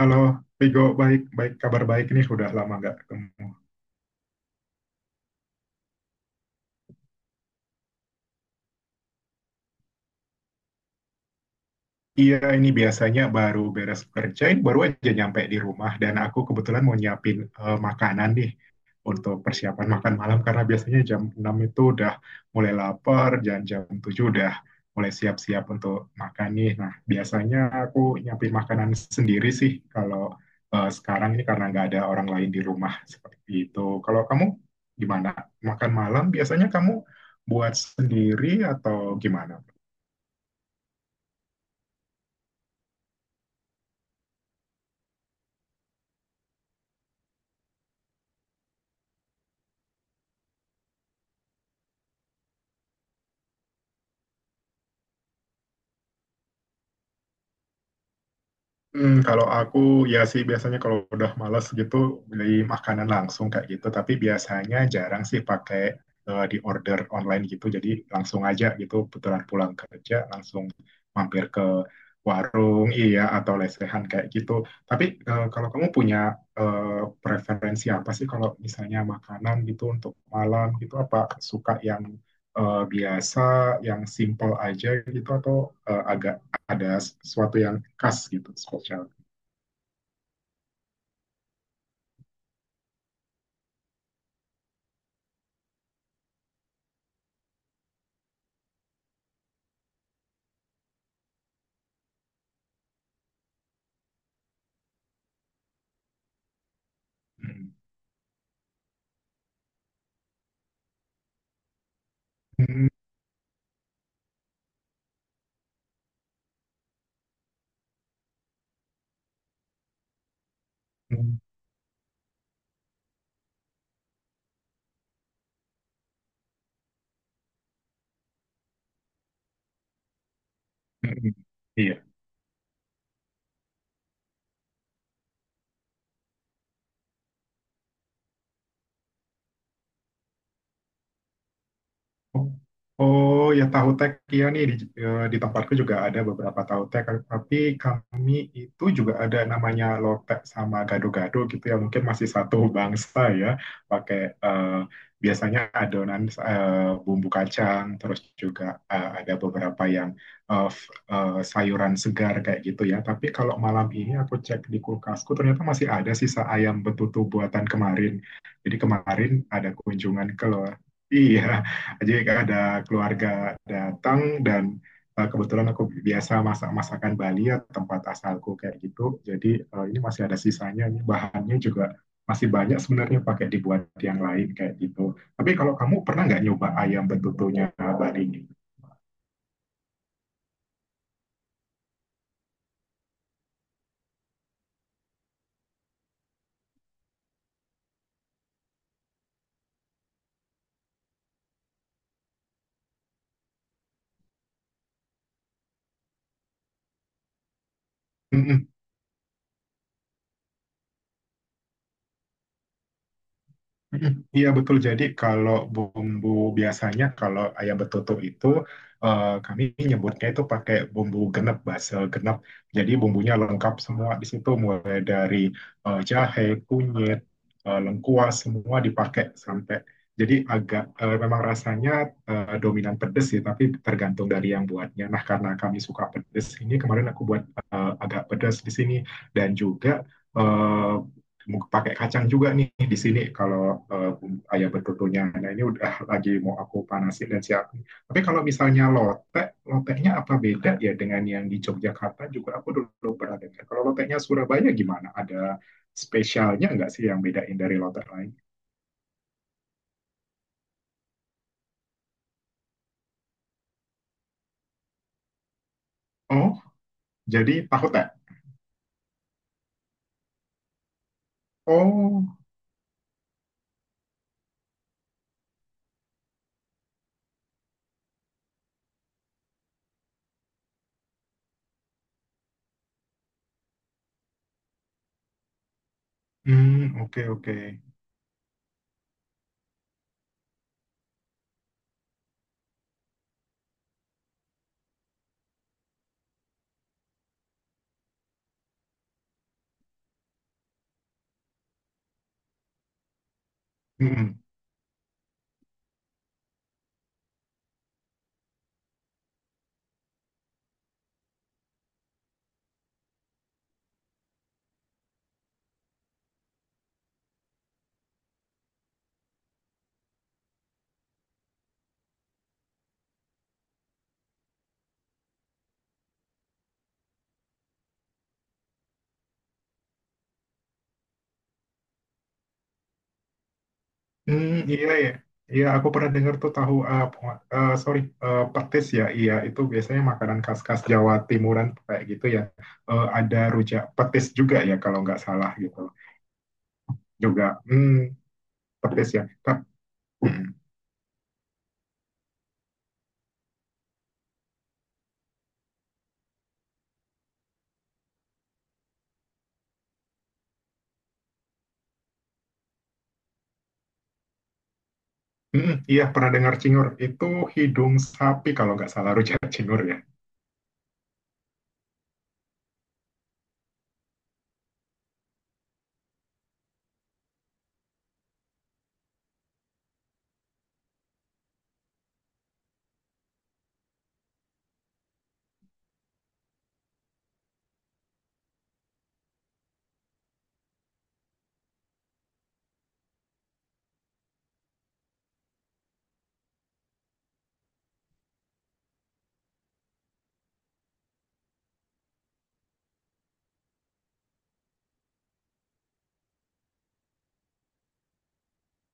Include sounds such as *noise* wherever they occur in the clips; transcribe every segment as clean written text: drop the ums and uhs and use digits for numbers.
Halo, Vigo, baik, baik, kabar baik nih, udah lama nggak ketemu. Iya, ini biasanya baru beres kerja, ini baru aja nyampe di rumah dan aku kebetulan mau nyiapin makanan nih untuk persiapan makan malam karena biasanya jam 6 itu udah mulai lapar dan jam 7 udah mulai siap-siap untuk makan nih. Nah, biasanya aku nyiapin makanan sendiri sih kalau sekarang ini karena nggak ada orang lain di rumah seperti itu. Kalau kamu gimana? Makan malam biasanya kamu buat sendiri atau gimana? Kalau aku ya sih biasanya kalau udah malas gitu beli makanan langsung kayak gitu. Tapi biasanya jarang sih pakai di order online gitu. Jadi langsung aja gitu puteran pulang kerja langsung mampir ke warung iya atau lesehan kayak gitu. Tapi kalau kamu punya preferensi apa sih kalau misalnya makanan gitu untuk malam gitu apa suka yang biasa, yang simple aja gitu atau agak ada sesuatu yang khas gitu spesial. Hmm. Hmm. Hmm. Iya. Oh, oh ya tahu tek ya nih di tempatku juga ada beberapa tahu tek tapi kami itu juga ada namanya lotek sama gado-gado gitu ya mungkin masih satu *laughs* bangsa ya pakai eh, biasanya adonan bumbu kacang terus juga ada beberapa yang sayuran segar kayak gitu ya tapi kalau malam ini aku cek di kulkasku ternyata masih ada sisa ayam betutu buatan kemarin jadi kemarin ada kunjungan ke. Iya, jadi ada keluarga datang dan kebetulan aku biasa masak masakan Bali ya tempat asalku kayak gitu. Jadi ini masih ada sisanya, ini bahannya juga masih banyak sebenarnya pakai dibuat yang lain kayak gitu. Tapi kalau kamu pernah nggak nyoba ayam betutunya Bali ini? Mm-mm. Mm-mm. Iya betul. Jadi kalau bumbu biasanya kalau ayam betutuk itu kami nyebutnya itu pakai bumbu genep, basel genep. Jadi bumbunya lengkap semua di situ mulai dari jahe, kunyit, lengkuas semua dipakai sampai. Jadi agak memang rasanya dominan pedes sih, tapi tergantung dari yang buatnya. Nah karena kami suka pedes, ini kemarin aku buat agak pedes di sini dan juga eh, pakai kacang juga nih di sini kalau uh, ayam betutunya. Nah ini udah *laughs* lagi mau aku panasin dan siapin. Tapi kalau misalnya lotek, loteknya apa beda ya dengan yang di Yogyakarta juga aku dulu pernah dengar. Kalau loteknya Surabaya gimana? Ada spesialnya nggak sih yang bedain dari lotek lain? Oh, jadi tahu tak? Oh, hmm, oke, oke. Hmm, hmm. Hmm, iya ya. Iya, aku pernah dengar tuh tahu sorry petis ya. Iya, itu biasanya makanan khas-khas Jawa Timuran kayak gitu ya. Ada rujak petis juga ya kalau nggak salah gitu. Juga petis ya. Hmm, hmm, iya pernah dengar cingur. Itu hidung sapi kalau nggak salah rujak *laughs* cingur ya.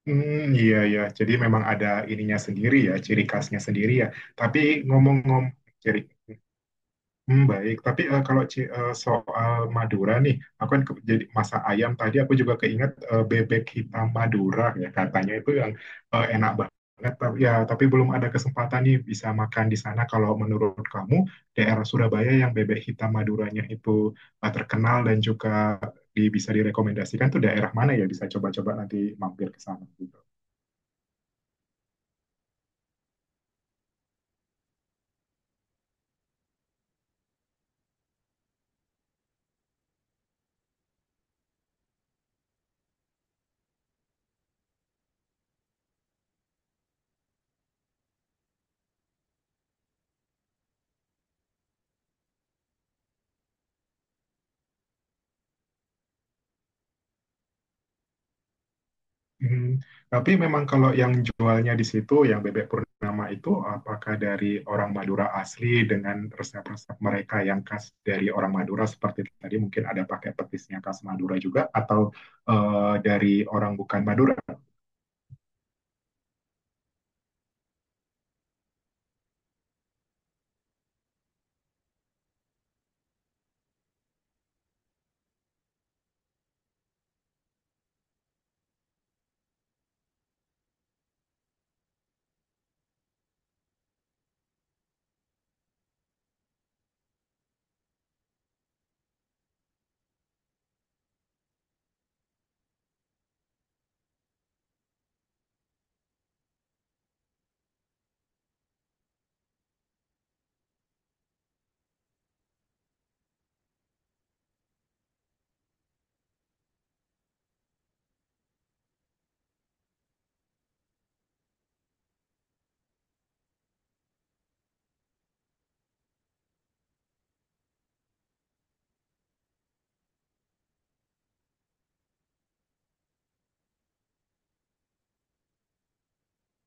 Hmm, iya ya. Jadi memang ada ininya sendiri ya, ciri khasnya sendiri ya. Tapi ngomong-ngomong ciri. Hmm, baik, tapi kalau soal Madura nih, aku kan jadi masak ayam tadi aku juga keinget bebek hitam Madura ya katanya itu yang enak banget. Tapi ya, tapi belum ada kesempatan nih bisa makan di sana. Kalau menurut kamu daerah Surabaya yang bebek hitam Maduranya itu terkenal dan juga bisa direkomendasikan tuh daerah mana ya bisa coba-coba nanti mampir ke sana. Mhm. Tapi memang kalau yang jualnya di situ, yang bebek Purnama itu, apakah dari orang Madura asli dengan resep-resep mereka yang khas dari orang Madura seperti tadi mungkin ada pakai petisnya khas Madura juga, atau dari orang bukan Madura?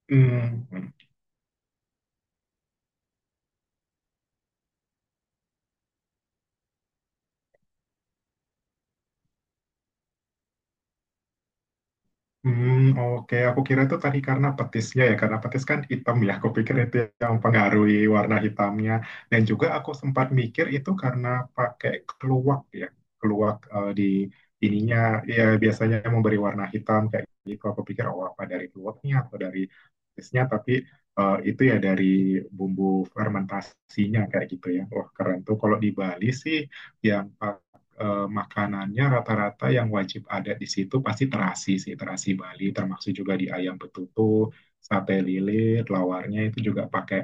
Hmm. Hmm, oke. Aku kira itu tadi karena petisnya ya, karena petis kan hitam ya. Aku pikir itu yang mempengaruhi warna hitamnya. Dan juga aku sempat mikir itu karena pakai keluak ya, keluak di ininya ya biasanya memberi warna hitam kayak gitu. Aku pikir oh apa dari keluaknya atau dari petisnya, tapi itu ya dari bumbu fermentasinya kayak gitu ya. Wah keren tuh. Kalau di Bali sih yang makanannya rata-rata yang wajib ada di situ pasti terasi sih, terasi Bali, termasuk juga di ayam betutu, sate lilit, lawarnya itu juga pakai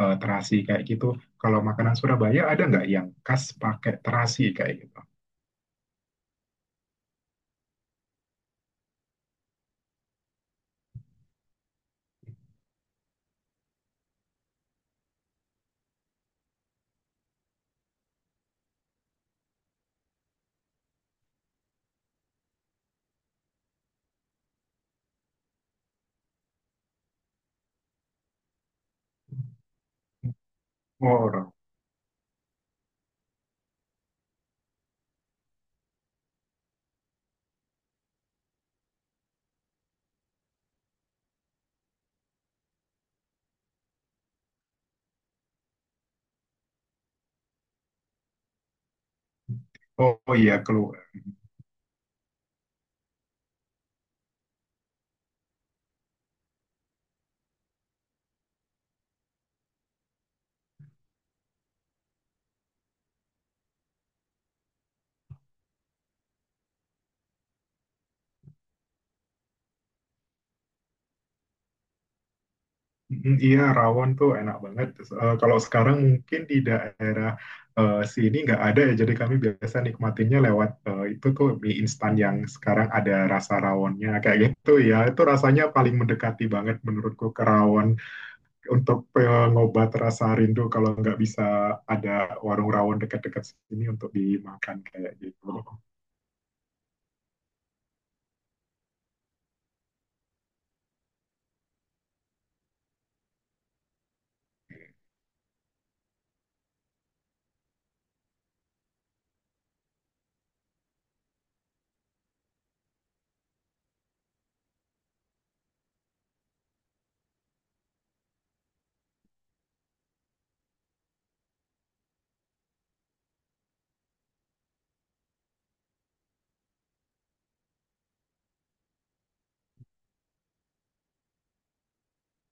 terasi kayak gitu. Kalau makanan Surabaya ada nggak yang khas pakai terasi kayak gitu? Oh, orang. Oh, oh iya. Mm, iya, rawon tuh enak banget. Kalau sekarang mungkin di daerah sini nggak ada ya, jadi kami biasa nikmatinya lewat itu tuh mie instan yang sekarang ada rasa rawonnya kayak gitu ya. Itu rasanya paling mendekati banget menurutku ke rawon untuk pengobat rasa rindu kalau nggak bisa ada warung rawon dekat-dekat sini untuk dimakan kayak gitu.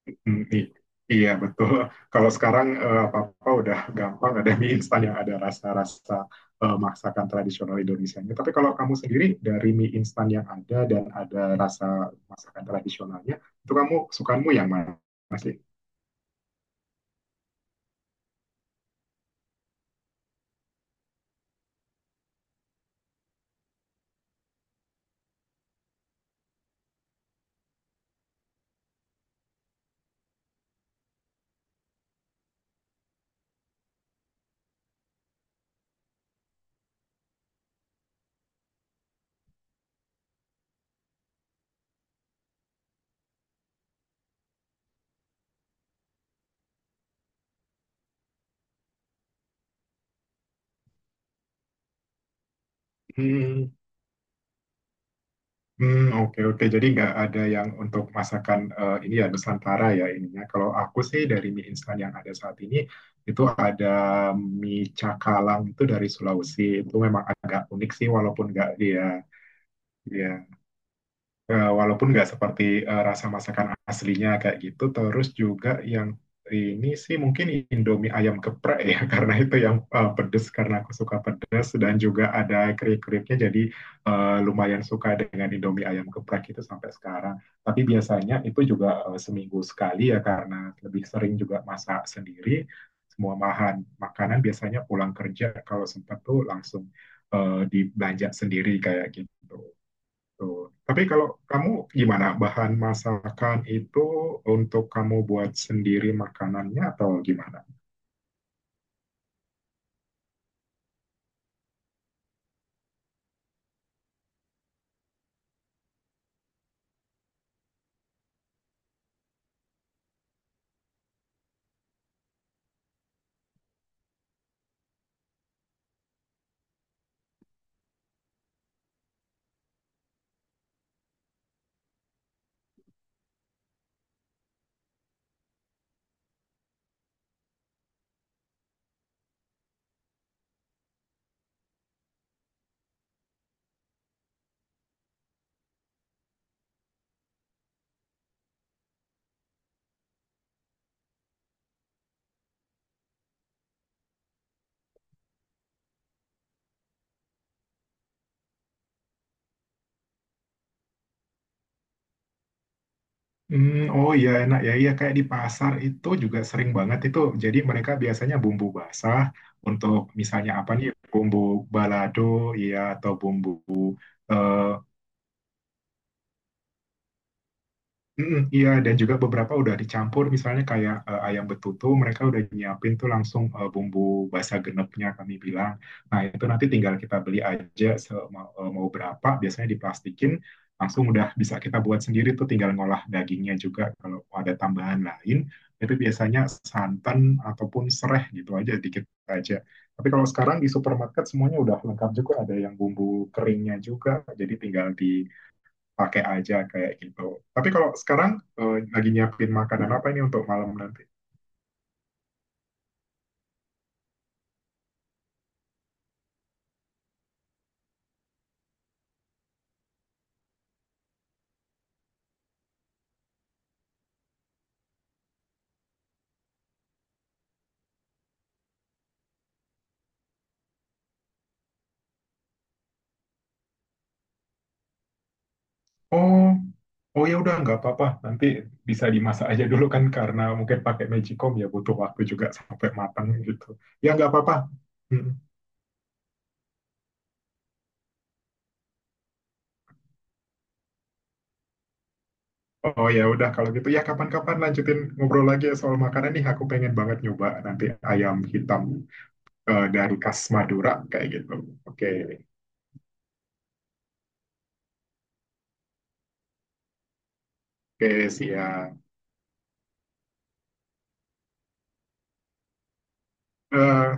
Hmm, iya betul. Kalau sekarang apa-apa udah gampang ada mie instan yang ada rasa-rasa masakan tradisional Indonesianya. Tapi kalau kamu sendiri dari mie instan yang ada dan ada rasa masakan tradisionalnya, itu kamu sukamu yang mana sih? Hmm, hmm, oke, oke. Jadi nggak ada yang untuk masakan ini ya Nusantara ya ininya. Kalau aku sih dari mie instan yang ada saat ini itu ada mie cakalang itu dari Sulawesi. Itu memang agak unik sih walaupun nggak dia, iya, walaupun nggak seperti rasa masakan aslinya kayak gitu, terus juga yang ini sih mungkin Indomie ayam geprek ya, *laughs* karena itu yang pedes karena aku suka pedes dan juga ada keripik-keripiknya jadi lumayan suka dengan Indomie ayam geprek itu sampai sekarang. Tapi biasanya itu juga seminggu sekali ya karena lebih sering juga masak sendiri. Semua bahan makanan biasanya pulang kerja kalau sempat tuh langsung dibelanja sendiri kayak gitu. Betul. Tapi kalau kamu gimana? Bahan masakan itu untuk kamu buat sendiri makanannya atau gimana? Hmm, oh iya enak ya. Iya kayak di pasar itu juga sering banget itu. Jadi mereka biasanya bumbu basah untuk misalnya apa nih? Bumbu balado, iya atau bumbu eh, Mm-mm, iya, dan juga beberapa udah dicampur, misalnya kayak ayam betutu, mereka udah nyiapin tuh langsung bumbu basa genepnya kami bilang. Nah, itu nanti tinggal kita beli aja mau berapa, biasanya diplastikin, langsung udah bisa kita buat sendiri tuh tinggal ngolah dagingnya juga. Kalau ada tambahan lain, itu biasanya santan ataupun sereh gitu aja, dikit aja. Tapi kalau sekarang di supermarket semuanya udah lengkap juga, ada yang bumbu keringnya juga, jadi tinggal di pakai aja kayak gitu. Tapi kalau sekarang lagi nyiapin makanan apa ini untuk malam nanti? Oh, oh ya udah nggak apa-apa. Nanti bisa dimasak aja dulu kan karena mungkin pakai magicom ya butuh waktu juga sampai matang gitu. Ya nggak apa-apa. Hmm. Oh ya udah kalau gitu ya kapan-kapan lanjutin ngobrol lagi ya soal makanan nih. Aku pengen banget nyoba nanti ayam hitam dari khas Madura kayak gitu. Oke, oke siap. Eh,